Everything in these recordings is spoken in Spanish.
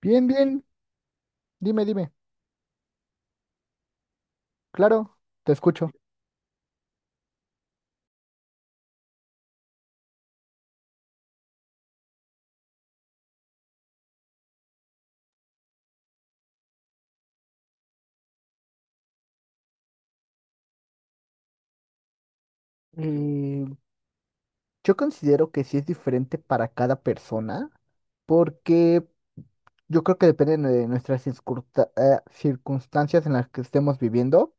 Bien, bien, dime, dime. Claro, te escucho. Eh, yo considero que sí es diferente para cada persona, porque yo creo que depende de nuestras circunstancias en las que estemos viviendo,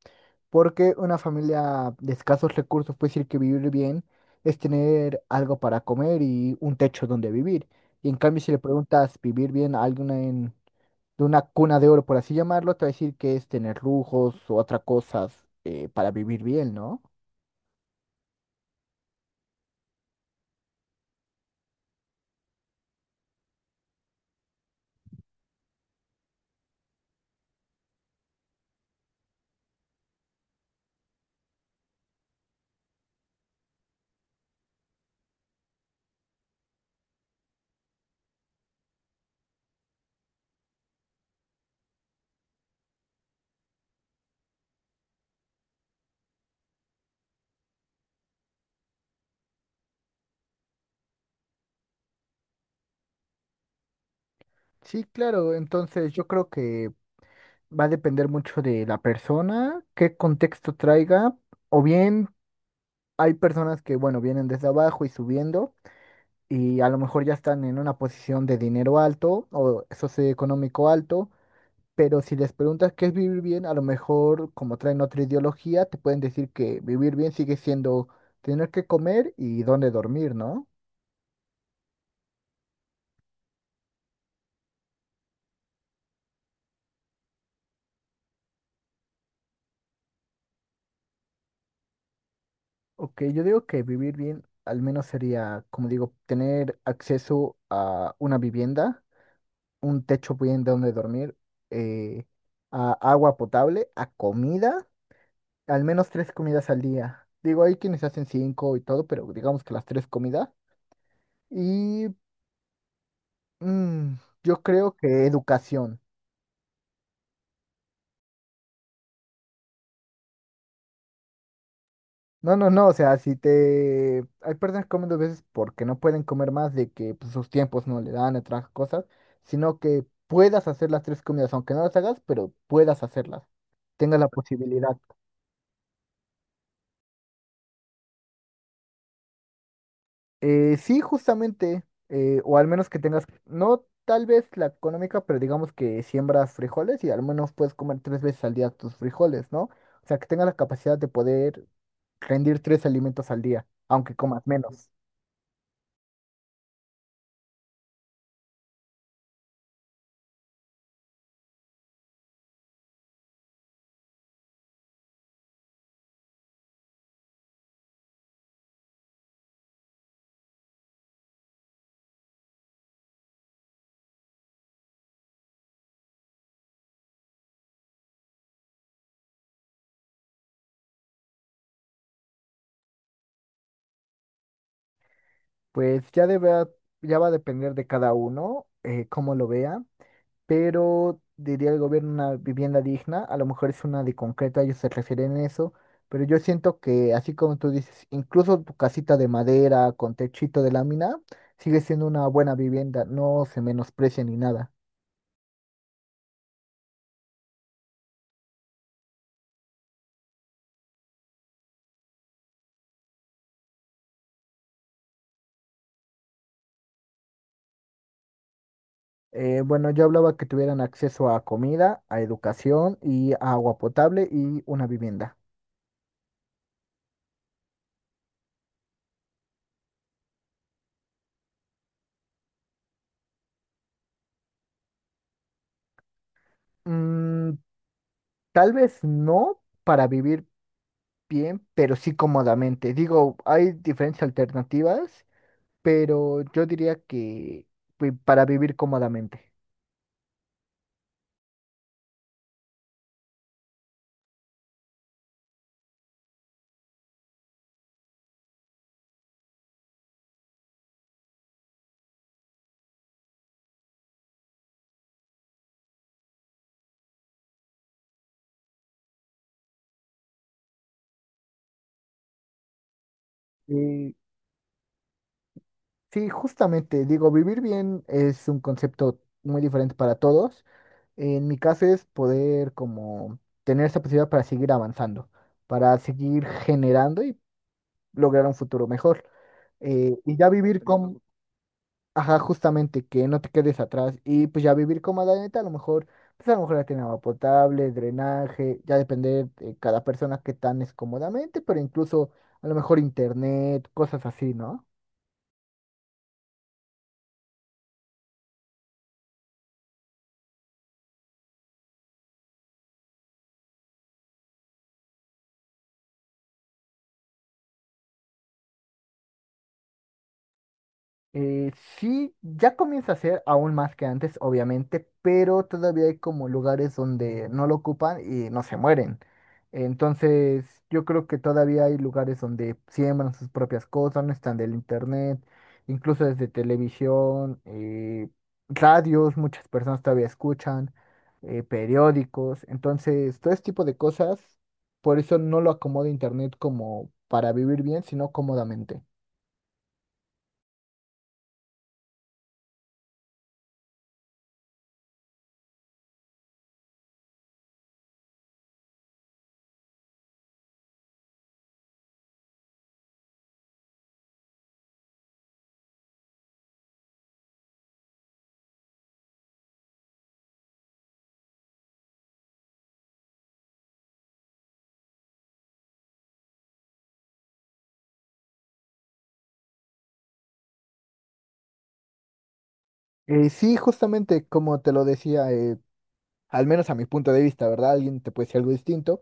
porque una familia de escasos recursos puede decir que vivir bien es tener algo para comer y un techo donde vivir. Y en cambio, si le preguntas vivir bien a alguien de una cuna de oro, por así llamarlo, te va a decir que es tener lujos o otras cosas para vivir bien, ¿no? Sí, claro, entonces yo creo que va a depender mucho de la persona, qué contexto traiga, o bien hay personas que, bueno, vienen desde abajo y subiendo y a lo mejor ya están en una posición de dinero alto o socioeconómico alto, pero si les preguntas qué es vivir bien, a lo mejor como traen otra ideología, te pueden decir que vivir bien sigue siendo tener que comer y dónde dormir, ¿no? Ok, yo digo que vivir bien al menos sería, como digo, tener acceso a una vivienda, un techo bien donde dormir, eh, a agua potable, a comida, al menos tres comidas al día. Digo, hay quienes hacen cinco y todo, pero digamos que las tres comidas. Y mm, yo creo que educación. No, no, no, o sea, si te... Hay personas que comen dos veces porque no pueden comer más de que pues, sus tiempos no le dan, otras cosas, sino que puedas hacer las tres comidas, aunque no las hagas, pero puedas hacerlas, tengas la posibilidad. Sí, justamente, o al menos que tengas, no tal vez la económica, pero digamos que siembras frijoles y al menos puedes comer tres veces al día tus frijoles, ¿no? O sea, que tengas la capacidad de poder rendir tres alimentos al día, aunque comas menos. Pues ya debe, ya va a depender de cada uno, cómo lo vea, pero diría el gobierno una vivienda digna, a lo mejor es una de concreto, ellos se refieren a eso, pero yo siento que así como tú dices, incluso tu casita de madera con techito de lámina sigue siendo una buena vivienda, no se menosprecia ni nada. Bueno, yo hablaba que tuvieran acceso a comida, a educación y a agua potable y una vivienda. Mm, Tal vez no para vivir bien, pero sí cómodamente. Digo, hay diferentes alternativas, pero yo diría que pues, para vivir cómodamente. Y sí, justamente, digo, vivir bien es un concepto muy diferente para todos. En mi caso es poder como tener esa posibilidad para seguir avanzando, para seguir generando y lograr un futuro mejor. Y ya vivir con. Ajá, justamente, que no te quedes atrás. Y pues ya vivir como la neta a lo mejor, pues a lo mejor ya tiene agua potable, drenaje, ya depende de cada persona que tan es cómodamente, pero incluso a lo mejor internet, cosas así, ¿no? Eh, sí, ya comienza a ser aún más que antes, obviamente, pero todavía hay como lugares donde no lo ocupan y no se mueren. Entonces, yo creo que todavía hay lugares donde siembran sus propias cosas, no están del internet, incluso desde televisión, radios, muchas personas todavía escuchan, periódicos. Entonces, todo este tipo de cosas, por eso no lo acomoda internet como para vivir bien, sino cómodamente. Sí, justamente como te lo decía, al menos a mi punto de vista, ¿verdad? Alguien te puede decir algo distinto.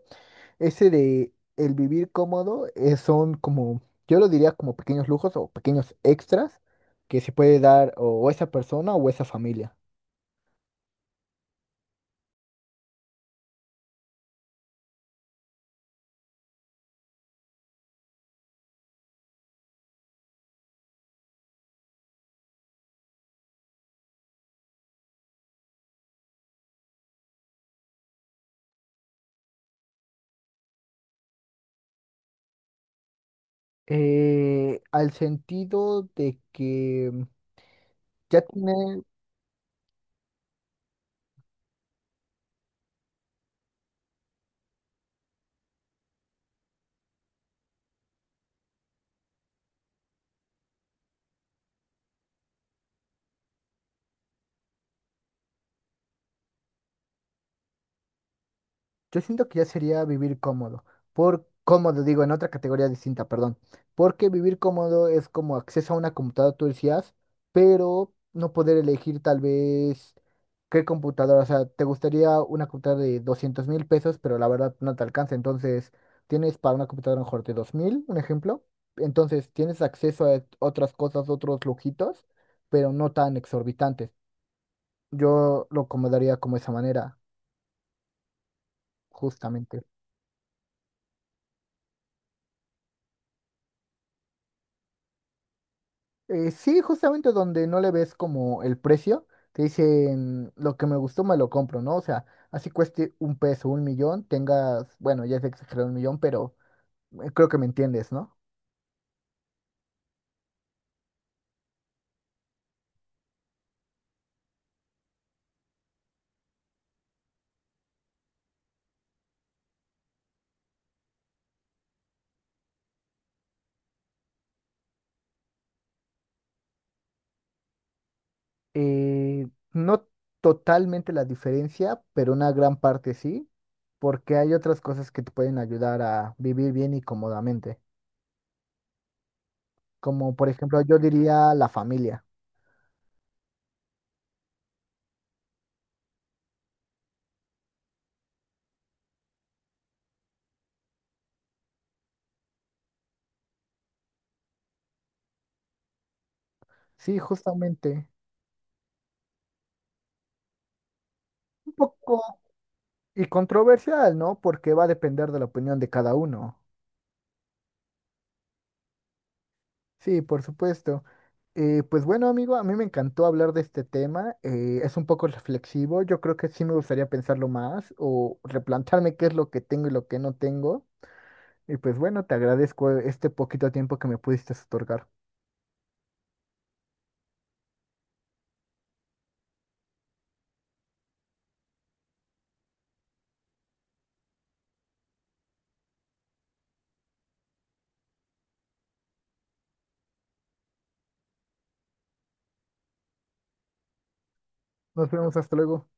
Ese de el vivir cómodo son como, yo lo diría como pequeños lujos o pequeños extras que se puede dar o esa persona o esa familia. Al sentido de que ya tiene. Yo siento que ya sería vivir cómodo. Por cómodo, digo, en otra categoría distinta, perdón. Porque vivir cómodo es como acceso a una computadora, tú decías, pero no poder elegir tal vez qué computadora. O sea, te gustaría una computadora de 200,000 pesos, pero la verdad no te alcanza. Entonces, tienes para una computadora mejor de 2,000, un ejemplo. Entonces, tienes acceso a otras cosas, otros lujitos, pero no tan exorbitantes. Yo lo acomodaría como esa manera, justamente. Sí, justamente donde no le ves como el precio, te dicen lo que me gustó me lo compro, ¿no? O sea, así cueste 1 peso, 1,000,000, tengas, bueno, ya es exagerado 1,000,000, pero creo que me entiendes, ¿no? Eh, no totalmente la diferencia, pero una gran parte sí, porque hay otras cosas que te pueden ayudar a vivir bien y cómodamente, como por ejemplo yo diría la familia. Sí, justamente. Un poco y controversial, ¿no? Porque va a depender de la opinión de cada uno. Sí, por supuesto. Pues bueno, amigo, a mí me encantó hablar de este tema. Es un poco reflexivo. Yo creo que sí me gustaría pensarlo más o replantarme qué es lo que tengo y lo que no tengo. Y pues bueno, te agradezco este poquito tiempo que me pudiste otorgar. Nos vemos, hasta luego.